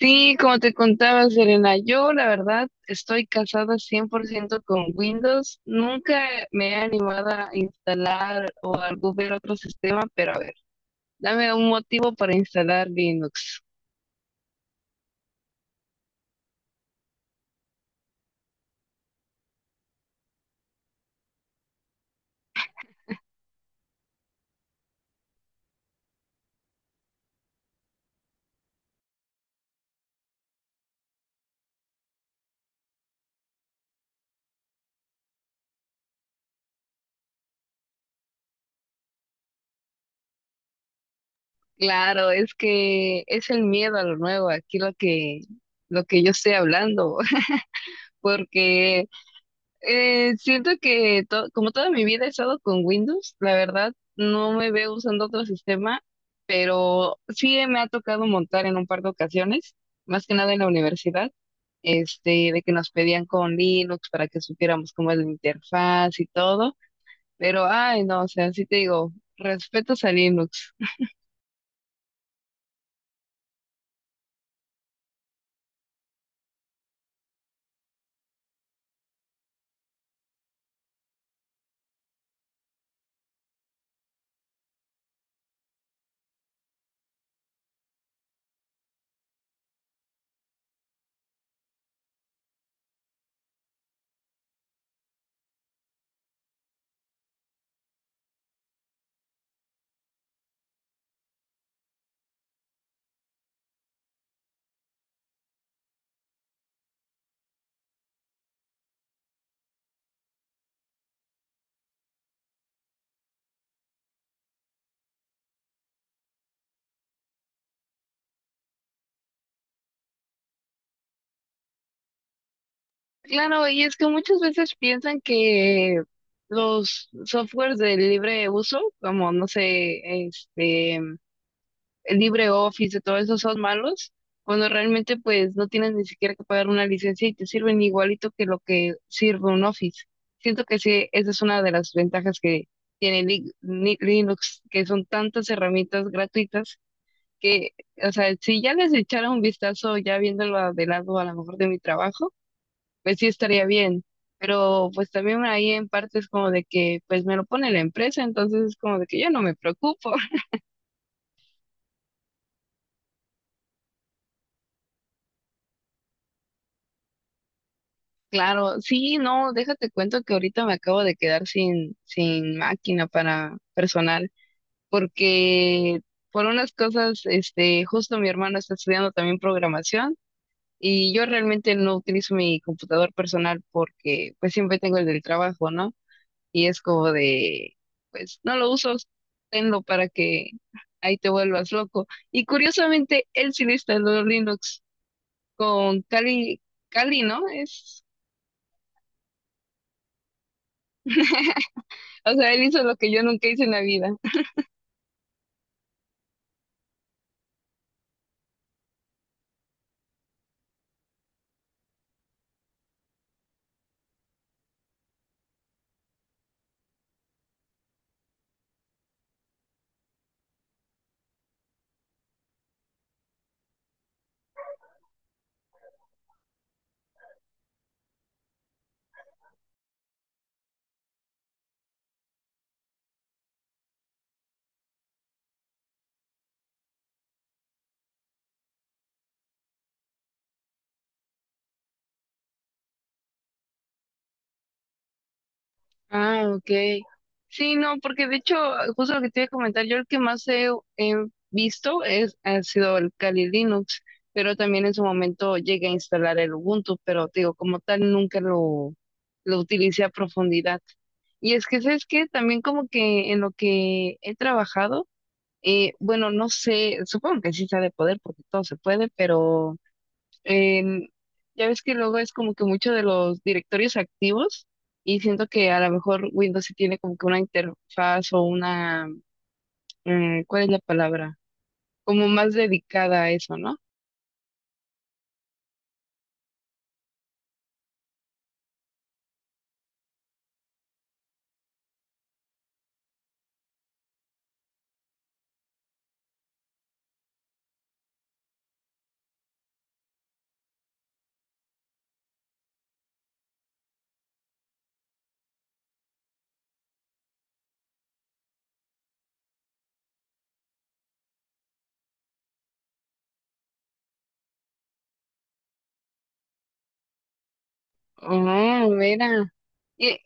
Sí, como te contaba, Serena, yo la verdad estoy casada 100% con Windows. Nunca me he animado a instalar o a ver otro sistema, pero a ver, dame un motivo para instalar Linux. Claro, es que es el miedo a lo nuevo, aquí lo que yo estoy hablando, porque siento que como toda mi vida he estado con Windows, la verdad no me veo usando otro sistema, pero sí me ha tocado montar en un par de ocasiones, más que nada en la universidad, este, de que nos pedían con Linux para que supiéramos cómo es la interfaz y todo, pero ay no, o sea, sí te digo, respetos a Linux. Claro, y es que muchas veces piensan que los softwares de libre uso, como no sé, este el LibreOffice, de todo eso son malos, cuando realmente pues no tienes ni siquiera que pagar una licencia y te sirven igualito que lo que sirve un Office. Siento que sí, esa es una de las ventajas que tiene Linux, que son tantas herramientas gratuitas que, o sea, si ya les echara un vistazo ya viéndolo a de lado a lo mejor de mi trabajo, pues sí estaría bien. Pero pues también ahí en parte es como de que pues me lo pone la empresa, entonces es como de que yo no me preocupo. Claro, sí, no, déjate cuento que ahorita me acabo de quedar sin máquina para personal, porque por unas cosas, este, justo mi hermano está estudiando también programación y yo realmente no utilizo mi computador personal porque pues siempre tengo el del trabajo, ¿no? Y es como de, pues no lo uso, tenlo para que ahí te vuelvas loco. Y curiosamente, él sí le instaló Linux con Kali, Kali, ¿no? Es. O sea, él hizo lo que yo nunca hice en la vida. Ah, ok. Sí, no, porque de hecho, justo lo que te iba a comentar, yo el que más he visto es, ha sido el Kali Linux, pero también en su momento llegué a instalar el Ubuntu, pero te digo, como tal, nunca lo utilicé a profundidad. Y es que, ¿sabes qué? También como que en lo que he trabajado, bueno, no sé, supongo que sí se ha de poder porque todo se puede, pero em, ya ves que luego es como que mucho de los directorios activos y siento que a lo mejor Windows sí tiene como que una interfaz o una, ¿cuál es la palabra? Como más dedicada a eso, ¿no? Oh, mira. Y,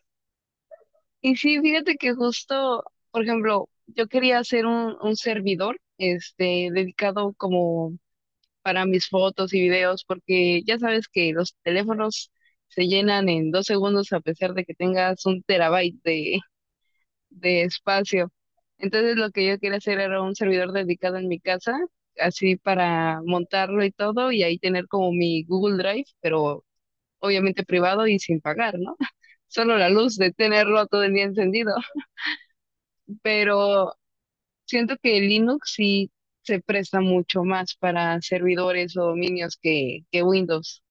y sí, fíjate que justo, por ejemplo, yo quería hacer un, servidor, este, dedicado como para mis fotos y videos, porque ya sabes que los teléfonos se llenan en 2 segundos a pesar de que tengas un terabyte de espacio. Entonces lo que yo quería hacer era un servidor dedicado en mi casa, así para montarlo y todo, y ahí tener como mi Google Drive, pero obviamente privado y sin pagar, ¿no? Solo la luz de tenerlo todo el día encendido. Pero siento que Linux sí se presta mucho más para servidores o dominios que Windows.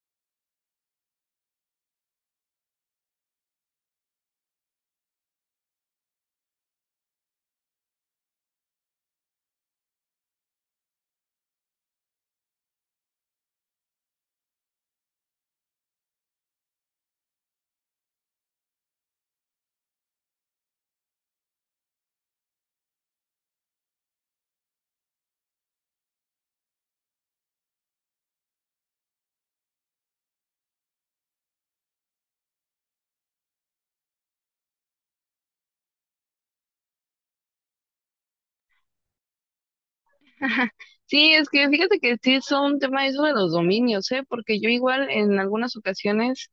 Sí, es que fíjate que sí es un tema eso de los dominios, ¿eh? Porque yo igual en algunas ocasiones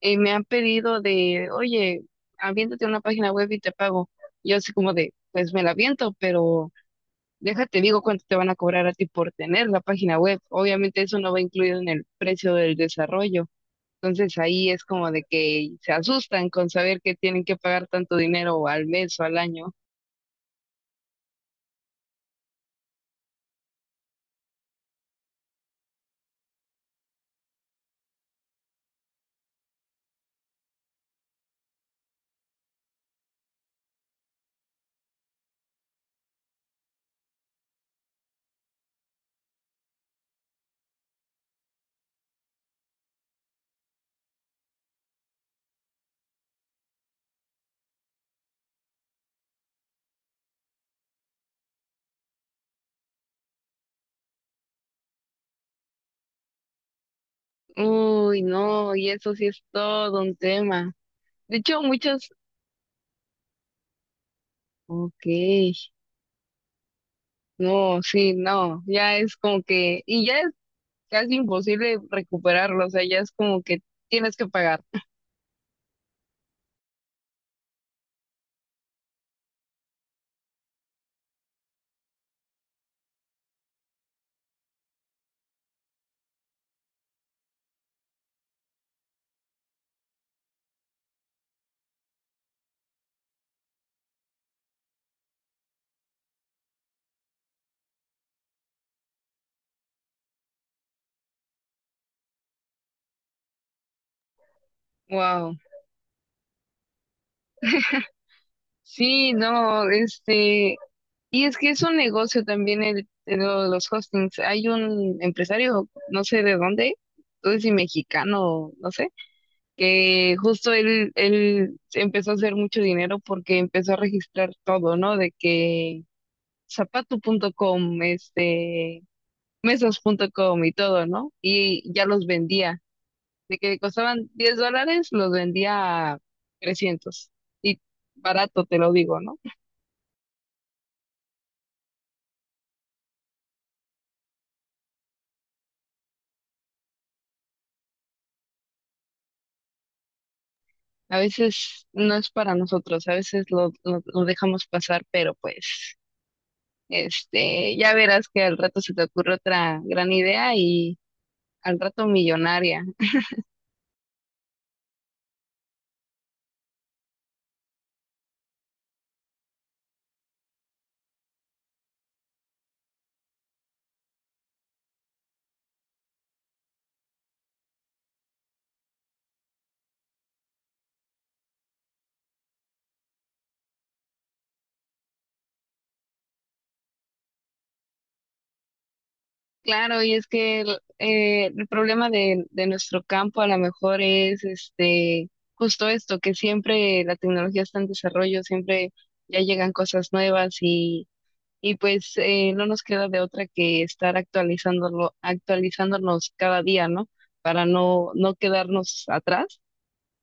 me han pedido de, oye, aviéntate una página web y te pago. Yo así como de, pues me la aviento, pero déjate, digo cuánto te van a cobrar a ti por tener la página web. Obviamente eso no va incluido en el precio del desarrollo. Entonces ahí es como de que se asustan con saber que tienen que pagar tanto dinero al mes o al año. Uy, no, y eso sí es todo un tema. De hecho, muchos, ok, no, sí, no, ya es como que, y ya casi imposible recuperarlo, o sea, ya es como que tienes que pagar. Wow. Sí, no, este, y es que es un negocio también los hostings. Hay un empresario, no sé de dónde, no sé si mexicano, no sé, que justo él empezó a hacer mucho dinero porque empezó a registrar todo, ¿no? De que zapato punto com, este, mesas punto com y todo, ¿no? Y ya los vendía. De que costaban $10, los vendía a 300. Y barato, te lo digo, ¿no? A veces no es para nosotros, a veces lo dejamos pasar, pero pues, este, ya verás que al rato se te ocurre otra gran idea y al rato millonaria. Claro, y es que el problema de nuestro campo a lo mejor es este, justo esto, que siempre la tecnología está en desarrollo, siempre ya llegan cosas nuevas y pues no nos queda de otra que estar actualizándolo, actualizándonos cada día, ¿no? Para no quedarnos atrás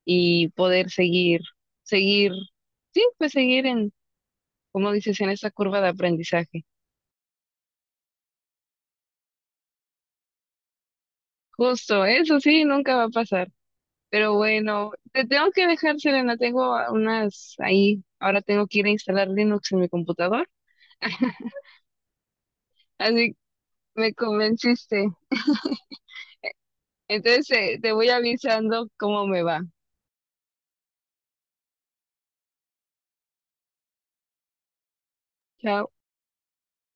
y poder seguir, seguir, sí, pues seguir en, como dices, en esta curva de aprendizaje. Justo, eso sí, nunca va a pasar. Pero bueno, te tengo que dejar, Selena, tengo unas ahí, ahora tengo que ir a instalar Linux en mi computador, así me convenciste. Entonces, te voy avisando cómo me va. Chao.